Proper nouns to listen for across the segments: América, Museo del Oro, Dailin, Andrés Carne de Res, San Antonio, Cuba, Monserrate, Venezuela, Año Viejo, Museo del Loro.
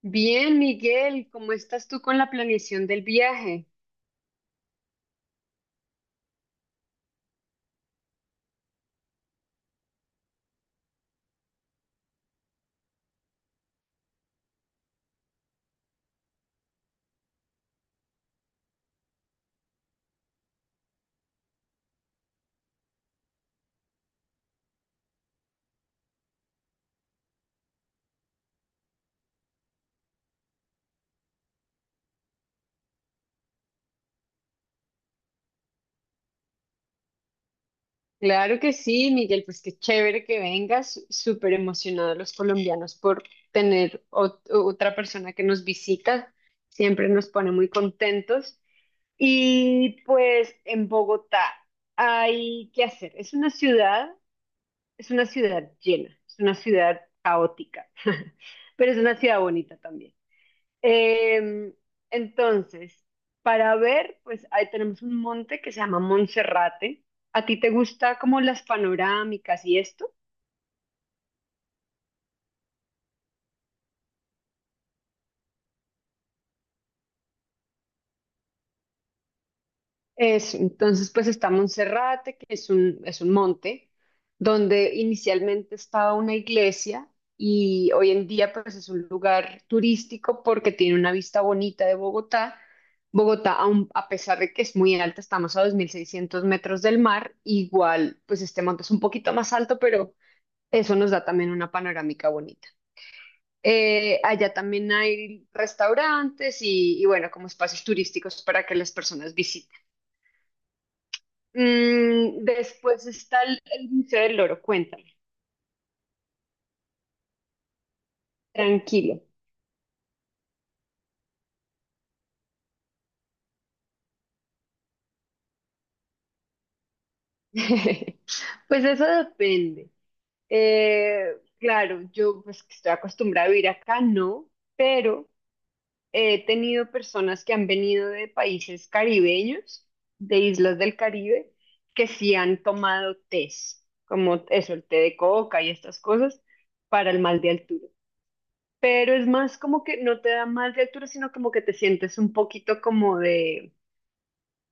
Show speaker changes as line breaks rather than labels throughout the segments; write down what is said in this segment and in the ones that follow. Bien, Miguel, ¿cómo estás tú con la planeación del viaje? Claro que sí, Miguel, pues qué chévere que vengas, súper emocionados los colombianos por tener otra persona que nos visita, siempre nos pone muy contentos. Y pues en Bogotá hay que hacer, es una ciudad llena, es una ciudad caótica, pero es una ciudad bonita también. Em, entonces, para ver, pues ahí tenemos un monte que se llama Monserrate. ¿A ti te gusta como las panorámicas y esto? Eso, entonces pues está Monserrate, que es un monte donde inicialmente estaba una iglesia y hoy en día pues es un lugar turístico porque tiene una vista bonita de Bogotá. Bogotá, a pesar de que es muy alta, estamos a 2.600 metros del mar, igual pues este monte es un poquito más alto, pero eso nos da también una panorámica bonita. Allá también hay restaurantes y, bueno, como espacios turísticos para que las personas visiten. Mm, después está el Museo del Loro, cuéntame, tranquilo. Pues eso depende. Eh, claro, yo pues que estoy acostumbrada a vivir acá, no, pero he tenido personas que han venido de países caribeños, de islas del Caribe, que sí han tomado tés, como eso, el té de coca y estas cosas, para el mal de altura. Pero es más como que no te da mal de altura, sino como que te sientes un poquito como de,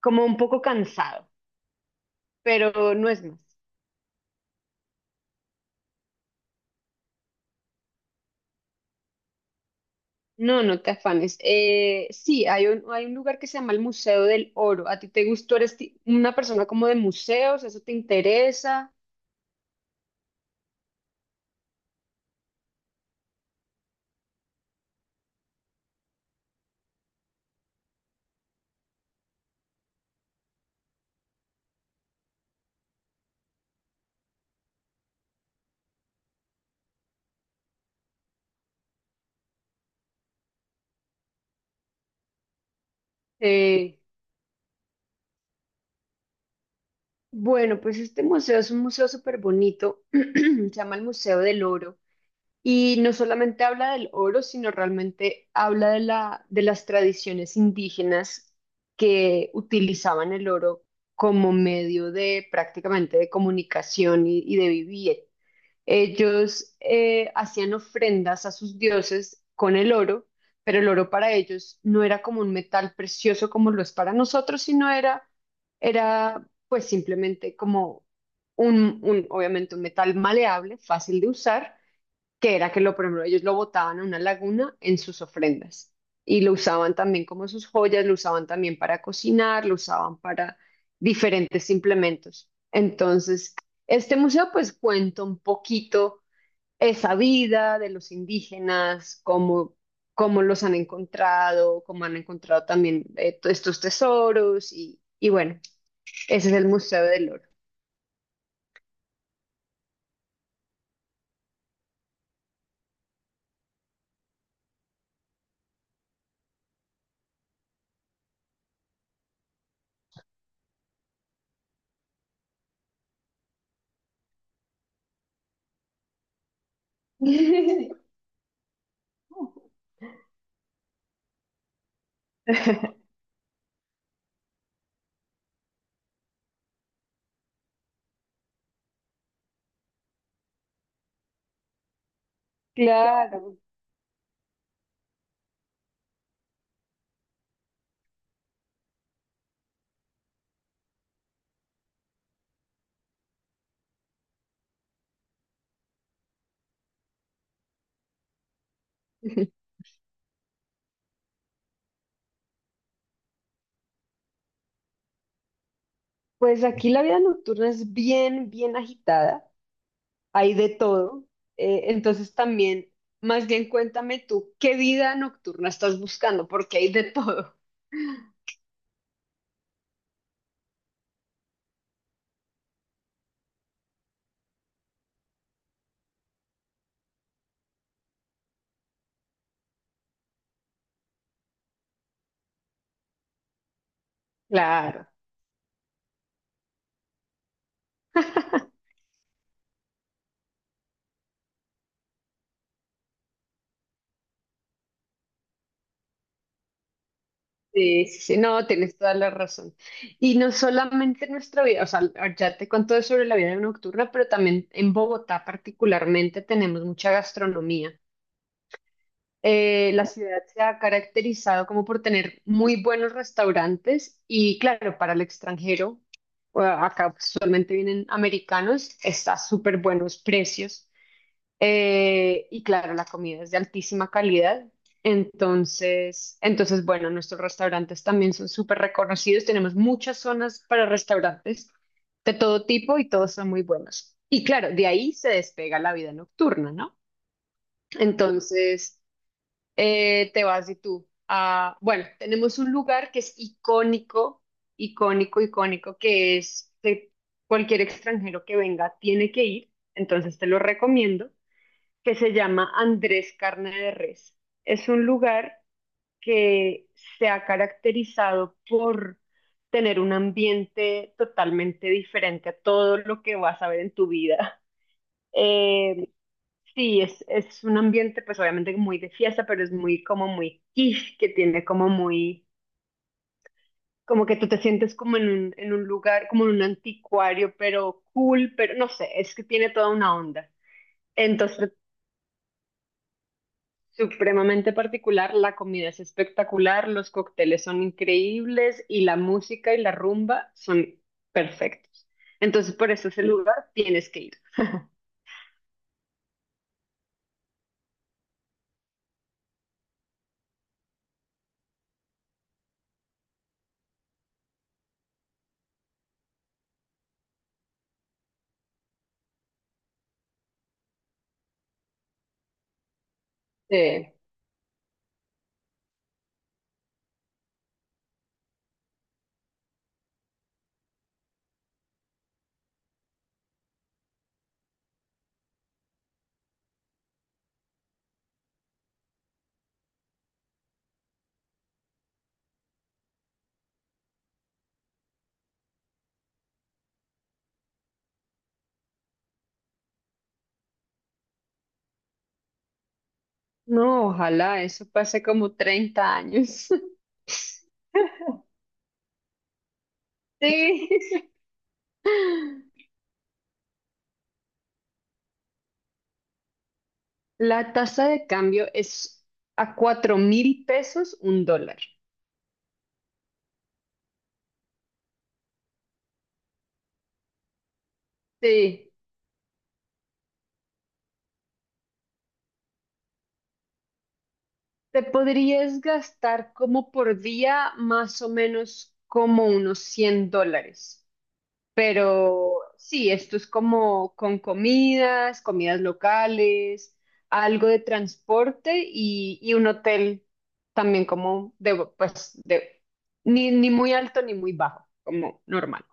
como un poco cansado, pero no es más. No, no te afanes. Sí, hay un lugar que se llama el Museo del Oro. ¿A ti te gustó? ¿Eres una persona como de museos? ¿Eso te interesa? Eh, Bueno, pues este museo es un museo súper bonito, se llama el Museo del Oro y no solamente habla del oro, sino realmente habla de la, de las tradiciones indígenas que utilizaban el oro como medio de prácticamente de comunicación y de vivir. Ellos hacían ofrendas a sus dioses con el oro, pero el oro para ellos no era como un metal precioso como lo es para nosotros, sino era, era pues simplemente como un, obviamente un metal maleable, fácil de usar, que era que lo, por ejemplo, ellos lo botaban a una laguna en sus ofrendas y lo usaban también como sus joyas, lo usaban también para cocinar, lo usaban para diferentes implementos. Entonces, este museo pues cuenta un poquito esa vida de los indígenas, cómo, cómo los han encontrado, cómo han encontrado también estos tesoros y bueno, ese es el Museo del Oro. Claro. Pues aquí la vida nocturna es bien, bien agitada, hay de todo. Entonces también, más bien cuéntame tú, ¿qué vida nocturna estás buscando? Porque hay de todo. Claro. Sí, sí, sí, no, tienes toda la razón. Y no solamente en nuestra vida, o sea, ya te conté sobre la vida nocturna, pero también en Bogotá particularmente tenemos mucha gastronomía. La ciudad se ha caracterizado como por tener muy buenos restaurantes y claro, para el extranjero, acá usualmente vienen americanos, está a súper buenos precios y claro, la comida es de altísima calidad. Entonces, entonces, bueno, nuestros restaurantes también son súper reconocidos. Tenemos muchas zonas para restaurantes de todo tipo y todos son muy buenos. Y claro, de ahí se despega la vida nocturna, ¿no? Entonces, te vas y tú. Bueno, tenemos un lugar que es icónico, icónico, icónico, que es que cualquier extranjero que venga tiene que ir, entonces te lo recomiendo, que se llama Andrés Carne de Res. Es un lugar que se ha caracterizado por tener un ambiente totalmente diferente a todo lo que vas a ver en tu vida. Eh, Sí, es un ambiente pues obviamente muy de fiesta, pero es muy como muy kitsch, que tiene como muy, como que tú te sientes como en un lugar, como en un anticuario, pero cool, pero no sé, es que tiene toda una onda. Entonces, supremamente particular, la comida es espectacular, los cócteles son increíbles y la música y la rumba son perfectos. Entonces, por eso ese lugar tienes que ir. Eh, no, ojalá eso pase como 30 años. Sí. La tasa de cambio es a 4.000 pesos un dólar. Sí. Te podrías gastar como por día más o menos como unos $100. Pero sí, esto es como con comidas, comidas locales, algo de transporte y un hotel también como de, pues, de, ni, ni muy alto ni muy bajo, como normal.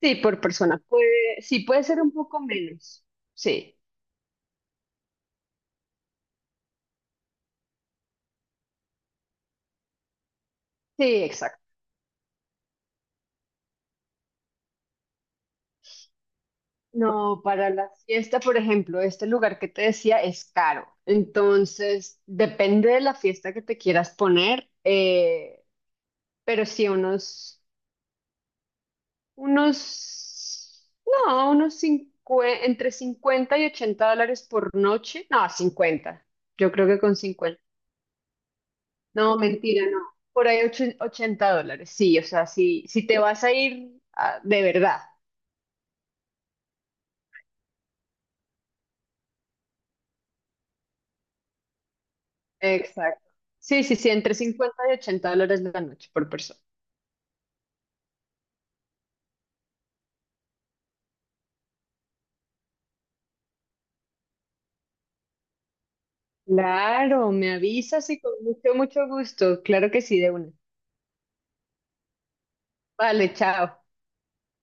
Sí, por persona. Puede, sí, puede ser un poco menos. Sí, sí, exacto. No, para la fiesta, por ejemplo, este lugar que te decía es caro. Entonces, depende de la fiesta que te quieras poner, pero sí, unos, unos, no, unos entre $50 y $80 por noche. No, 50 yo creo que con 50 no, mentira, no. Por ahí $80. Sí, o sea, si, si te vas a ir ah, de verdad exacto. Sí, sí, sí, entre $50 y $80 la noche por persona. Claro, me avisas y con mucho, mucho gusto. Claro que sí, de una. Vale, chao.